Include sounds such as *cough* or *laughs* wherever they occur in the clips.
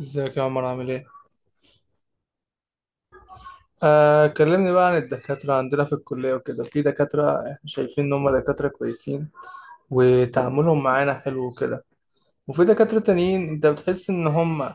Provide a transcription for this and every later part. ازيك يا عمر؟ عامل ايه؟ آه، كلمني بقى عن الدكاترة عندنا في الكلية وكده. في دكاترة احنا شايفين ان هم دكاترة كويسين وتعاملهم معانا حلو وكده، وفي دكاترة تانيين انت بتحس ان هم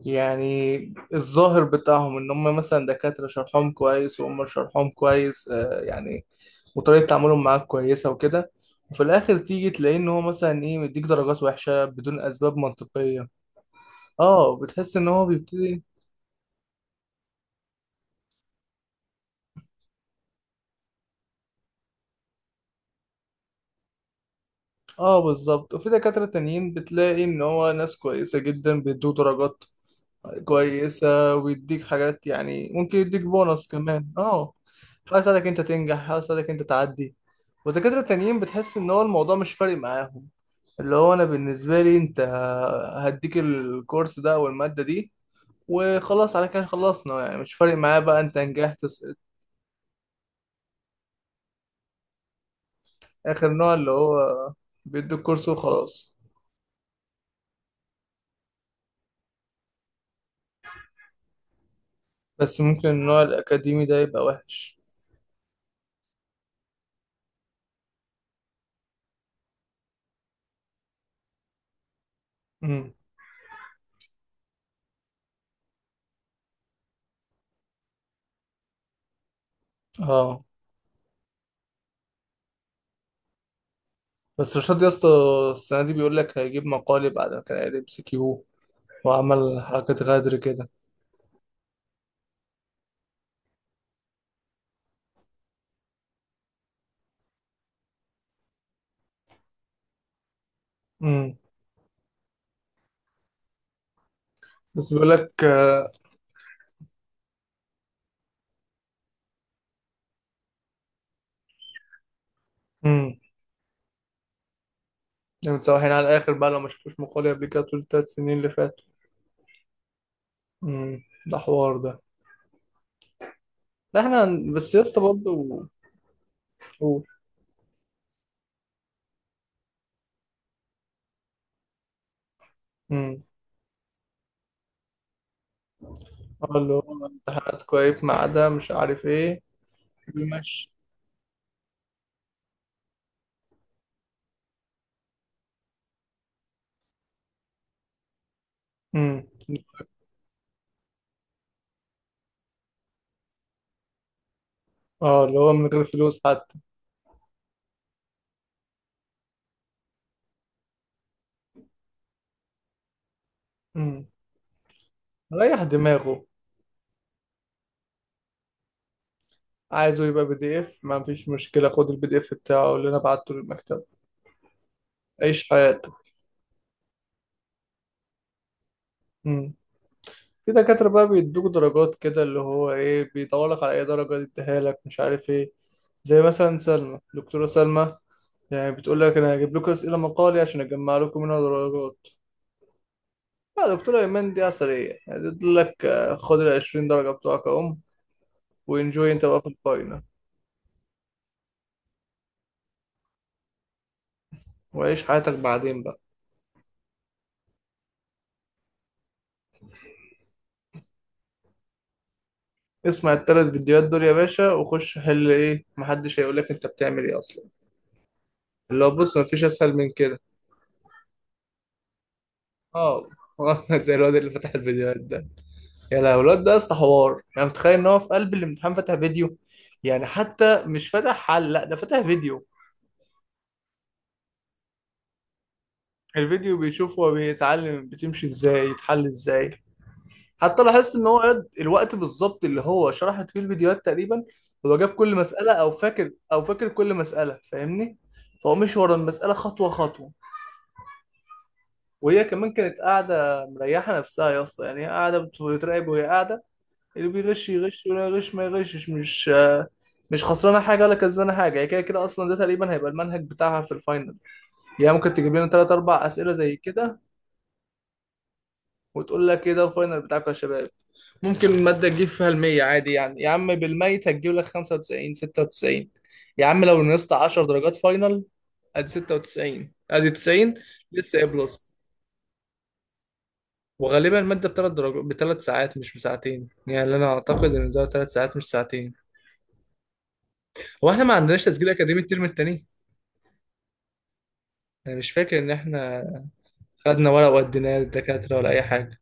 يعني الظاهر بتاعهم ان هم مثلا دكاترة شرحهم كويس، وهم شرحهم كويس وطريقة تعاملهم معاك كويسة وكده، وفي الاخر تيجي تلاقيه ان هو مثلا ايه، مديك درجات وحشة بدون اسباب منطقية. اه، بتحس ان هو بيبتدي. اه بالظبط، وفي دكاترة تانيين بتلاقي ان هو ناس كويسة جدا، بيدوه درجات كويسة ويديك حاجات، يعني ممكن يديك بونص كمان. اه، حاجة يساعدك انت تنجح، حاجة يساعدك انت تعدي. ودكاترة تانيين بتحس ان هو الموضوع مش فارق معاهم، اللي هو انا بالنسبة لي انت هديك الكورس ده او المادة دي وخلاص، على كده خلصنا، يعني مش فارق معايا بقى انت نجحت سقطت. اخر نوع اللي هو بيدوك كورس وخلاص. بس ممكن النوع الاكاديمي ده يبقى وحش. مم. اه، بس رشاد يا اسطى السنة دي بيقول لك هيجيب مقالي بعد ما كان قاعد ام كيو وعمل حركات غدر كده. امم. بس بيقول لك آه. امم. يعني متسوحين على الآخر بقى لو ما شافوش مقالي قبل كده طول الثلاث سنين اللي فاتوا. امم. ده حوار ده. لا احنا بس يا اسطى برضه. قول. امم. اه اللي هو امتحانات كويس، ما عدا مش عارف ايه. بيمشي. امم. اه، اللي هو من غير فلوس حتى. امم. ريح دماغه، عايزه يبقى بي دي اف، ما فيش مشكلة، خد البي دي اف بتاعه اللي انا بعته للمكتبة. عيش حياتك. امم. في دكاترة بقى بيدوك درجات كده، اللي هو ايه، بيدور لك على اي درجة يديها لك، مش عارف ايه. زي مثلا سلمى، دكتورة سلمى، يعني بتقول لك انا هجيب لكم اسئلة مقالي عشان اجمع لكم منها درجات. لا دكتورة ايمان دي عسلية، يعني تقول لك آه، خد ال 20 درجة بتوعك اهم، وانجوي انت بقى في الفاينل. وعيش حياتك بعدين بقى، اسمع التلات فيديوهات دول يا باشا وخش حل ايه، محدش هيقول لك انت بتعمل ايه اصلا. اللي هو بص، مفيش اسهل من كده. اه. *laughs* زي الواد اللي فتح الفيديوهات ده. يا لهوي الواد ده يا اسطى حوار! يعني متخيل ان هو في قلب الامتحان فتح فيديو؟ يعني حتى مش فاتح حل، لا ده فاتح فيديو، الفيديو بيشوف هو بيتعلم بتمشي ازاي يتحل ازاي. حتى لاحظت ان هو الوقت بالظبط اللي هو شرحت فيه الفيديوهات تقريبا هو جاب كل مسألة. او فاكر كل مسألة، فاهمني؟ فهو مش ورا المسألة خطوة خطوة. وهي كمان كانت قاعدة مريحة نفسها يا اسطى، يعني هي قاعدة بتراقب، وهي قاعدة اللي بيغش يغش ولا يغش ما يغشش، مش خسرانه حاجه ولا كسبانه حاجه، هي كده كده. اصلا ده تقريبا هيبقى المنهج بتاعها في الفاينل، يعني ممكن تجيب لنا ثلاث اربع اسئله زي كده، وتقول لك ايه ده الفاينل بتاعكم يا شباب؟ ممكن الماده تجيب فيها المية عادي، يعني يا عم بالميت هتجيب لك 95 96. يا عم لو نقصت 10 درجات فاينل، ادي 96، ادي 90، لسه ايه بلس. وغالبا الماده بثلاث درجات، بثلاث ساعات مش بساعتين، يعني انا اعتقد ان ده ثلاث ساعات مش ساعتين. هو احنا ما عندناش تسجيل اكاديمي الترم التاني؟ انا مش فاكر ان احنا خدنا ورق وديناه للدكاتره ولا اي حاجه.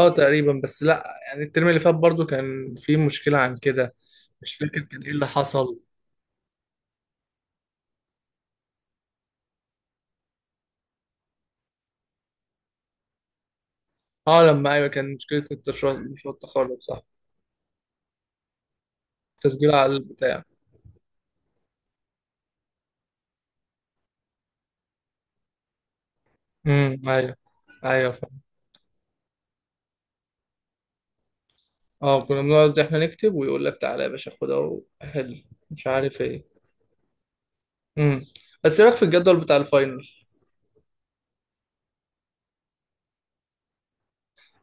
اه تقريبا، بس لا، يعني الترم اللي فات برضو كان في مشكله عن كده، مش فاكر كان ايه اللي حصل. اه لما، ايوه، كان مشكله التشريع، مشروع التخرج، صح؟ تسجيل على البتاع. امم، ايوه. ايوه فاهم. اه كنا بنقعد احنا نكتب، ويقول لك تعالى يا باشا خدها وحل، مش عارف ايه. امم. بس ايه رايك في الجدول بتاع الفاينل؟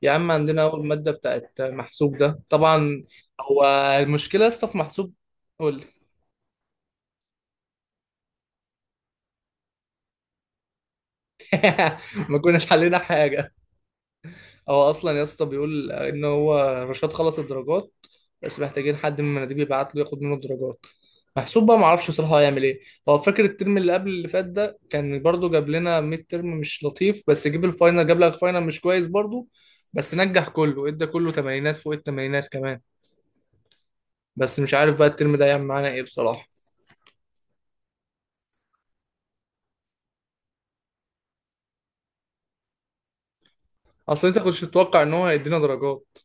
يا عم عندنا اول ماده بتاعت محسوب ده طبعا. هو المشكله يا اسطى في محسوب. قول. *laughs* ما كناش حلينا حاجة. هو أصلا يا اسطى بيقول إن هو رشاد خلص الدرجات، بس محتاجين حد من المناديب يبعت له ياخد منه الدرجات. محسوب بقى معرفش بصراحة هو هيعمل إيه. هو فاكر الترم اللي قبل اللي فات ده كان برضه جاب لنا ميد ترم مش لطيف، بس جيب الفاينل جاب لك فاينل مش كويس برضه، بس نجح كله، ادى كله تمانينات، فوق التمانينات كمان. بس مش عارف بقى الترم ده هيعمل معانا إيه بصراحة. أصل أنت كنتش تتوقع إن هو هيدينا درجات.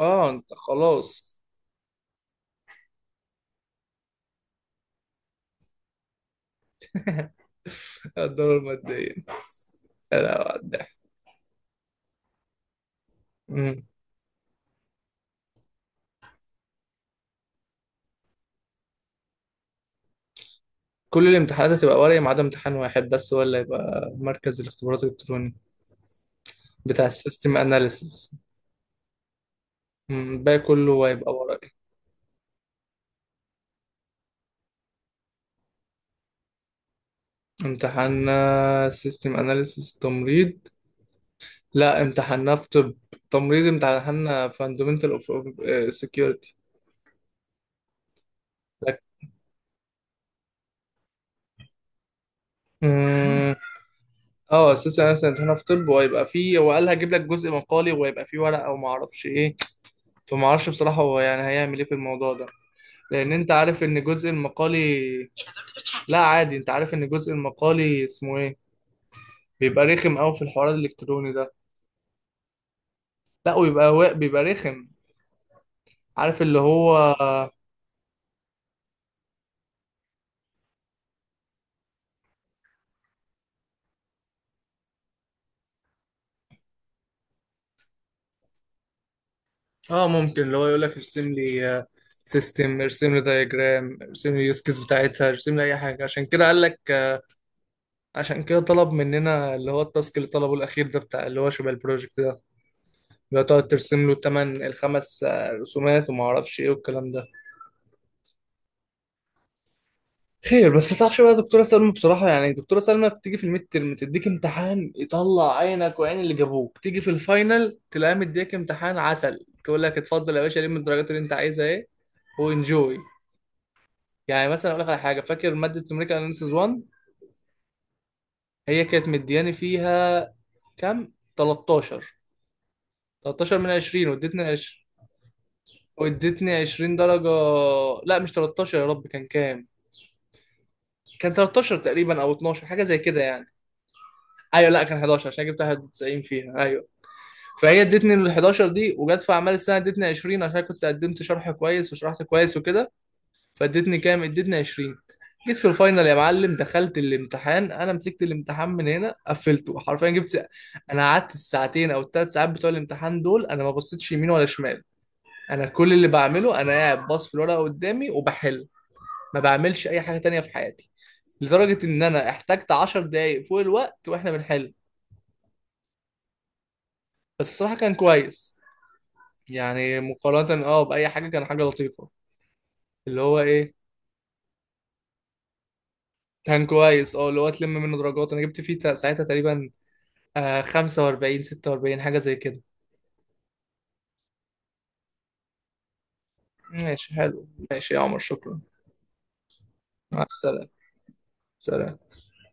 أه أنت خلاص. *laughs* الدورة المادية. لا لا، وقع الضحك. كل الامتحانات هتبقى ورقي ما عدا امتحان واحد بس، هو اللي هيبقى مركز الاختبارات الالكتروني، بتاع السيستم اناليسيس. الباقي كله هيبقى ورقي. امتحاننا سيستم اناليسيس تمريض. لا امتحاننا في طب. تمريض امتحاننا فاندمنتال اوف سكيورتي. لك. مم. اه اساسا انا امتحاننا في طب، وهيبقى فيه، هو قال هجيب لك جزء مقالي، وهيبقى فيه ورقه وما اعرفش ايه. فما اعرفش بصراحه هو يعني هيعمل ايه في الموضوع ده، لان انت عارف ان جزء المقالي. لا عادي، انت عارف ان الجزء المقالي اسمه ايه، بيبقى رخم قوي في الحوار الالكتروني ده. لا ويبقى بيبقى رخم، عارف اللي هو. اه، ممكن اللي هو يقول لك ارسم لي سيستم، ارسم لي دايجرام، ارسم لي يوز كيس بتاعتها، ارسم لي اي حاجه. عشان كده قال لك آه. عشان كده طلب مننا اللي هو التاسك اللي طلبه الاخير ده بتاع اللي هو شبه البروجكت ده، اللي هو تقعد ترسم له تمن الخمس رسومات وما اعرفش ايه والكلام ده. خير. بس تعرفش بقى دكتورة سلمى بصراحة، يعني دكتورة سلمى بتيجي في الميد ترم تديك امتحان يطلع عينك وعين اللي جابوك، تيجي في الفاينل تلاقيها مديك امتحان عسل، تقول لك اتفضل يا باشا لم الدرجات اللي انت عايزها ايه، وانجوي. يعني مثلا اقول لك على حاجة، فاكر مادة نوميريكال اناليسيس 1؟ هي كانت مدياني فيها كام، 13؟ 13 من 20، وادتني 20. وادتني 20 درجة. لا مش 13، يا رب كان كام، كان 13 تقريبا او 12 حاجة زي كده يعني. ايوه لا كان 11 عشان جبت 91 فيها، ايوه. فهي ادتني ال 11 دي، وجت في اعمال السنه ادتني 20، عشان كنت قدمت شرح كويس وشرحت كويس وكده. فادتني كام، ادتني 20. جيت في الفاينل يا معلم دخلت الامتحان، انا مسكت الامتحان من هنا قفلته حرفيا، جبت انا قعدت الساعتين او الثلاث ساعات بتوع الامتحان دول انا ما بصيتش يمين ولا شمال، انا كل اللي بعمله انا قاعد باص في الورقه قدامي وبحل، ما بعملش اي حاجه تانية في حياتي. لدرجه ان انا احتجت 10 دقايق فوق الوقت واحنا بنحل. بس بصراحه كان كويس، يعني مقارنة اه بأي حاجة كان حاجة لطيفة. اللي هو ايه، كان كويس، اه اللي هو تلم منه درجات، انا جبت فيه ساعتها تقريبا آه 45 46 حاجة زي كده. ماشي حلو، ماشي يا عمر، شكرا. مع السلامة. سلام.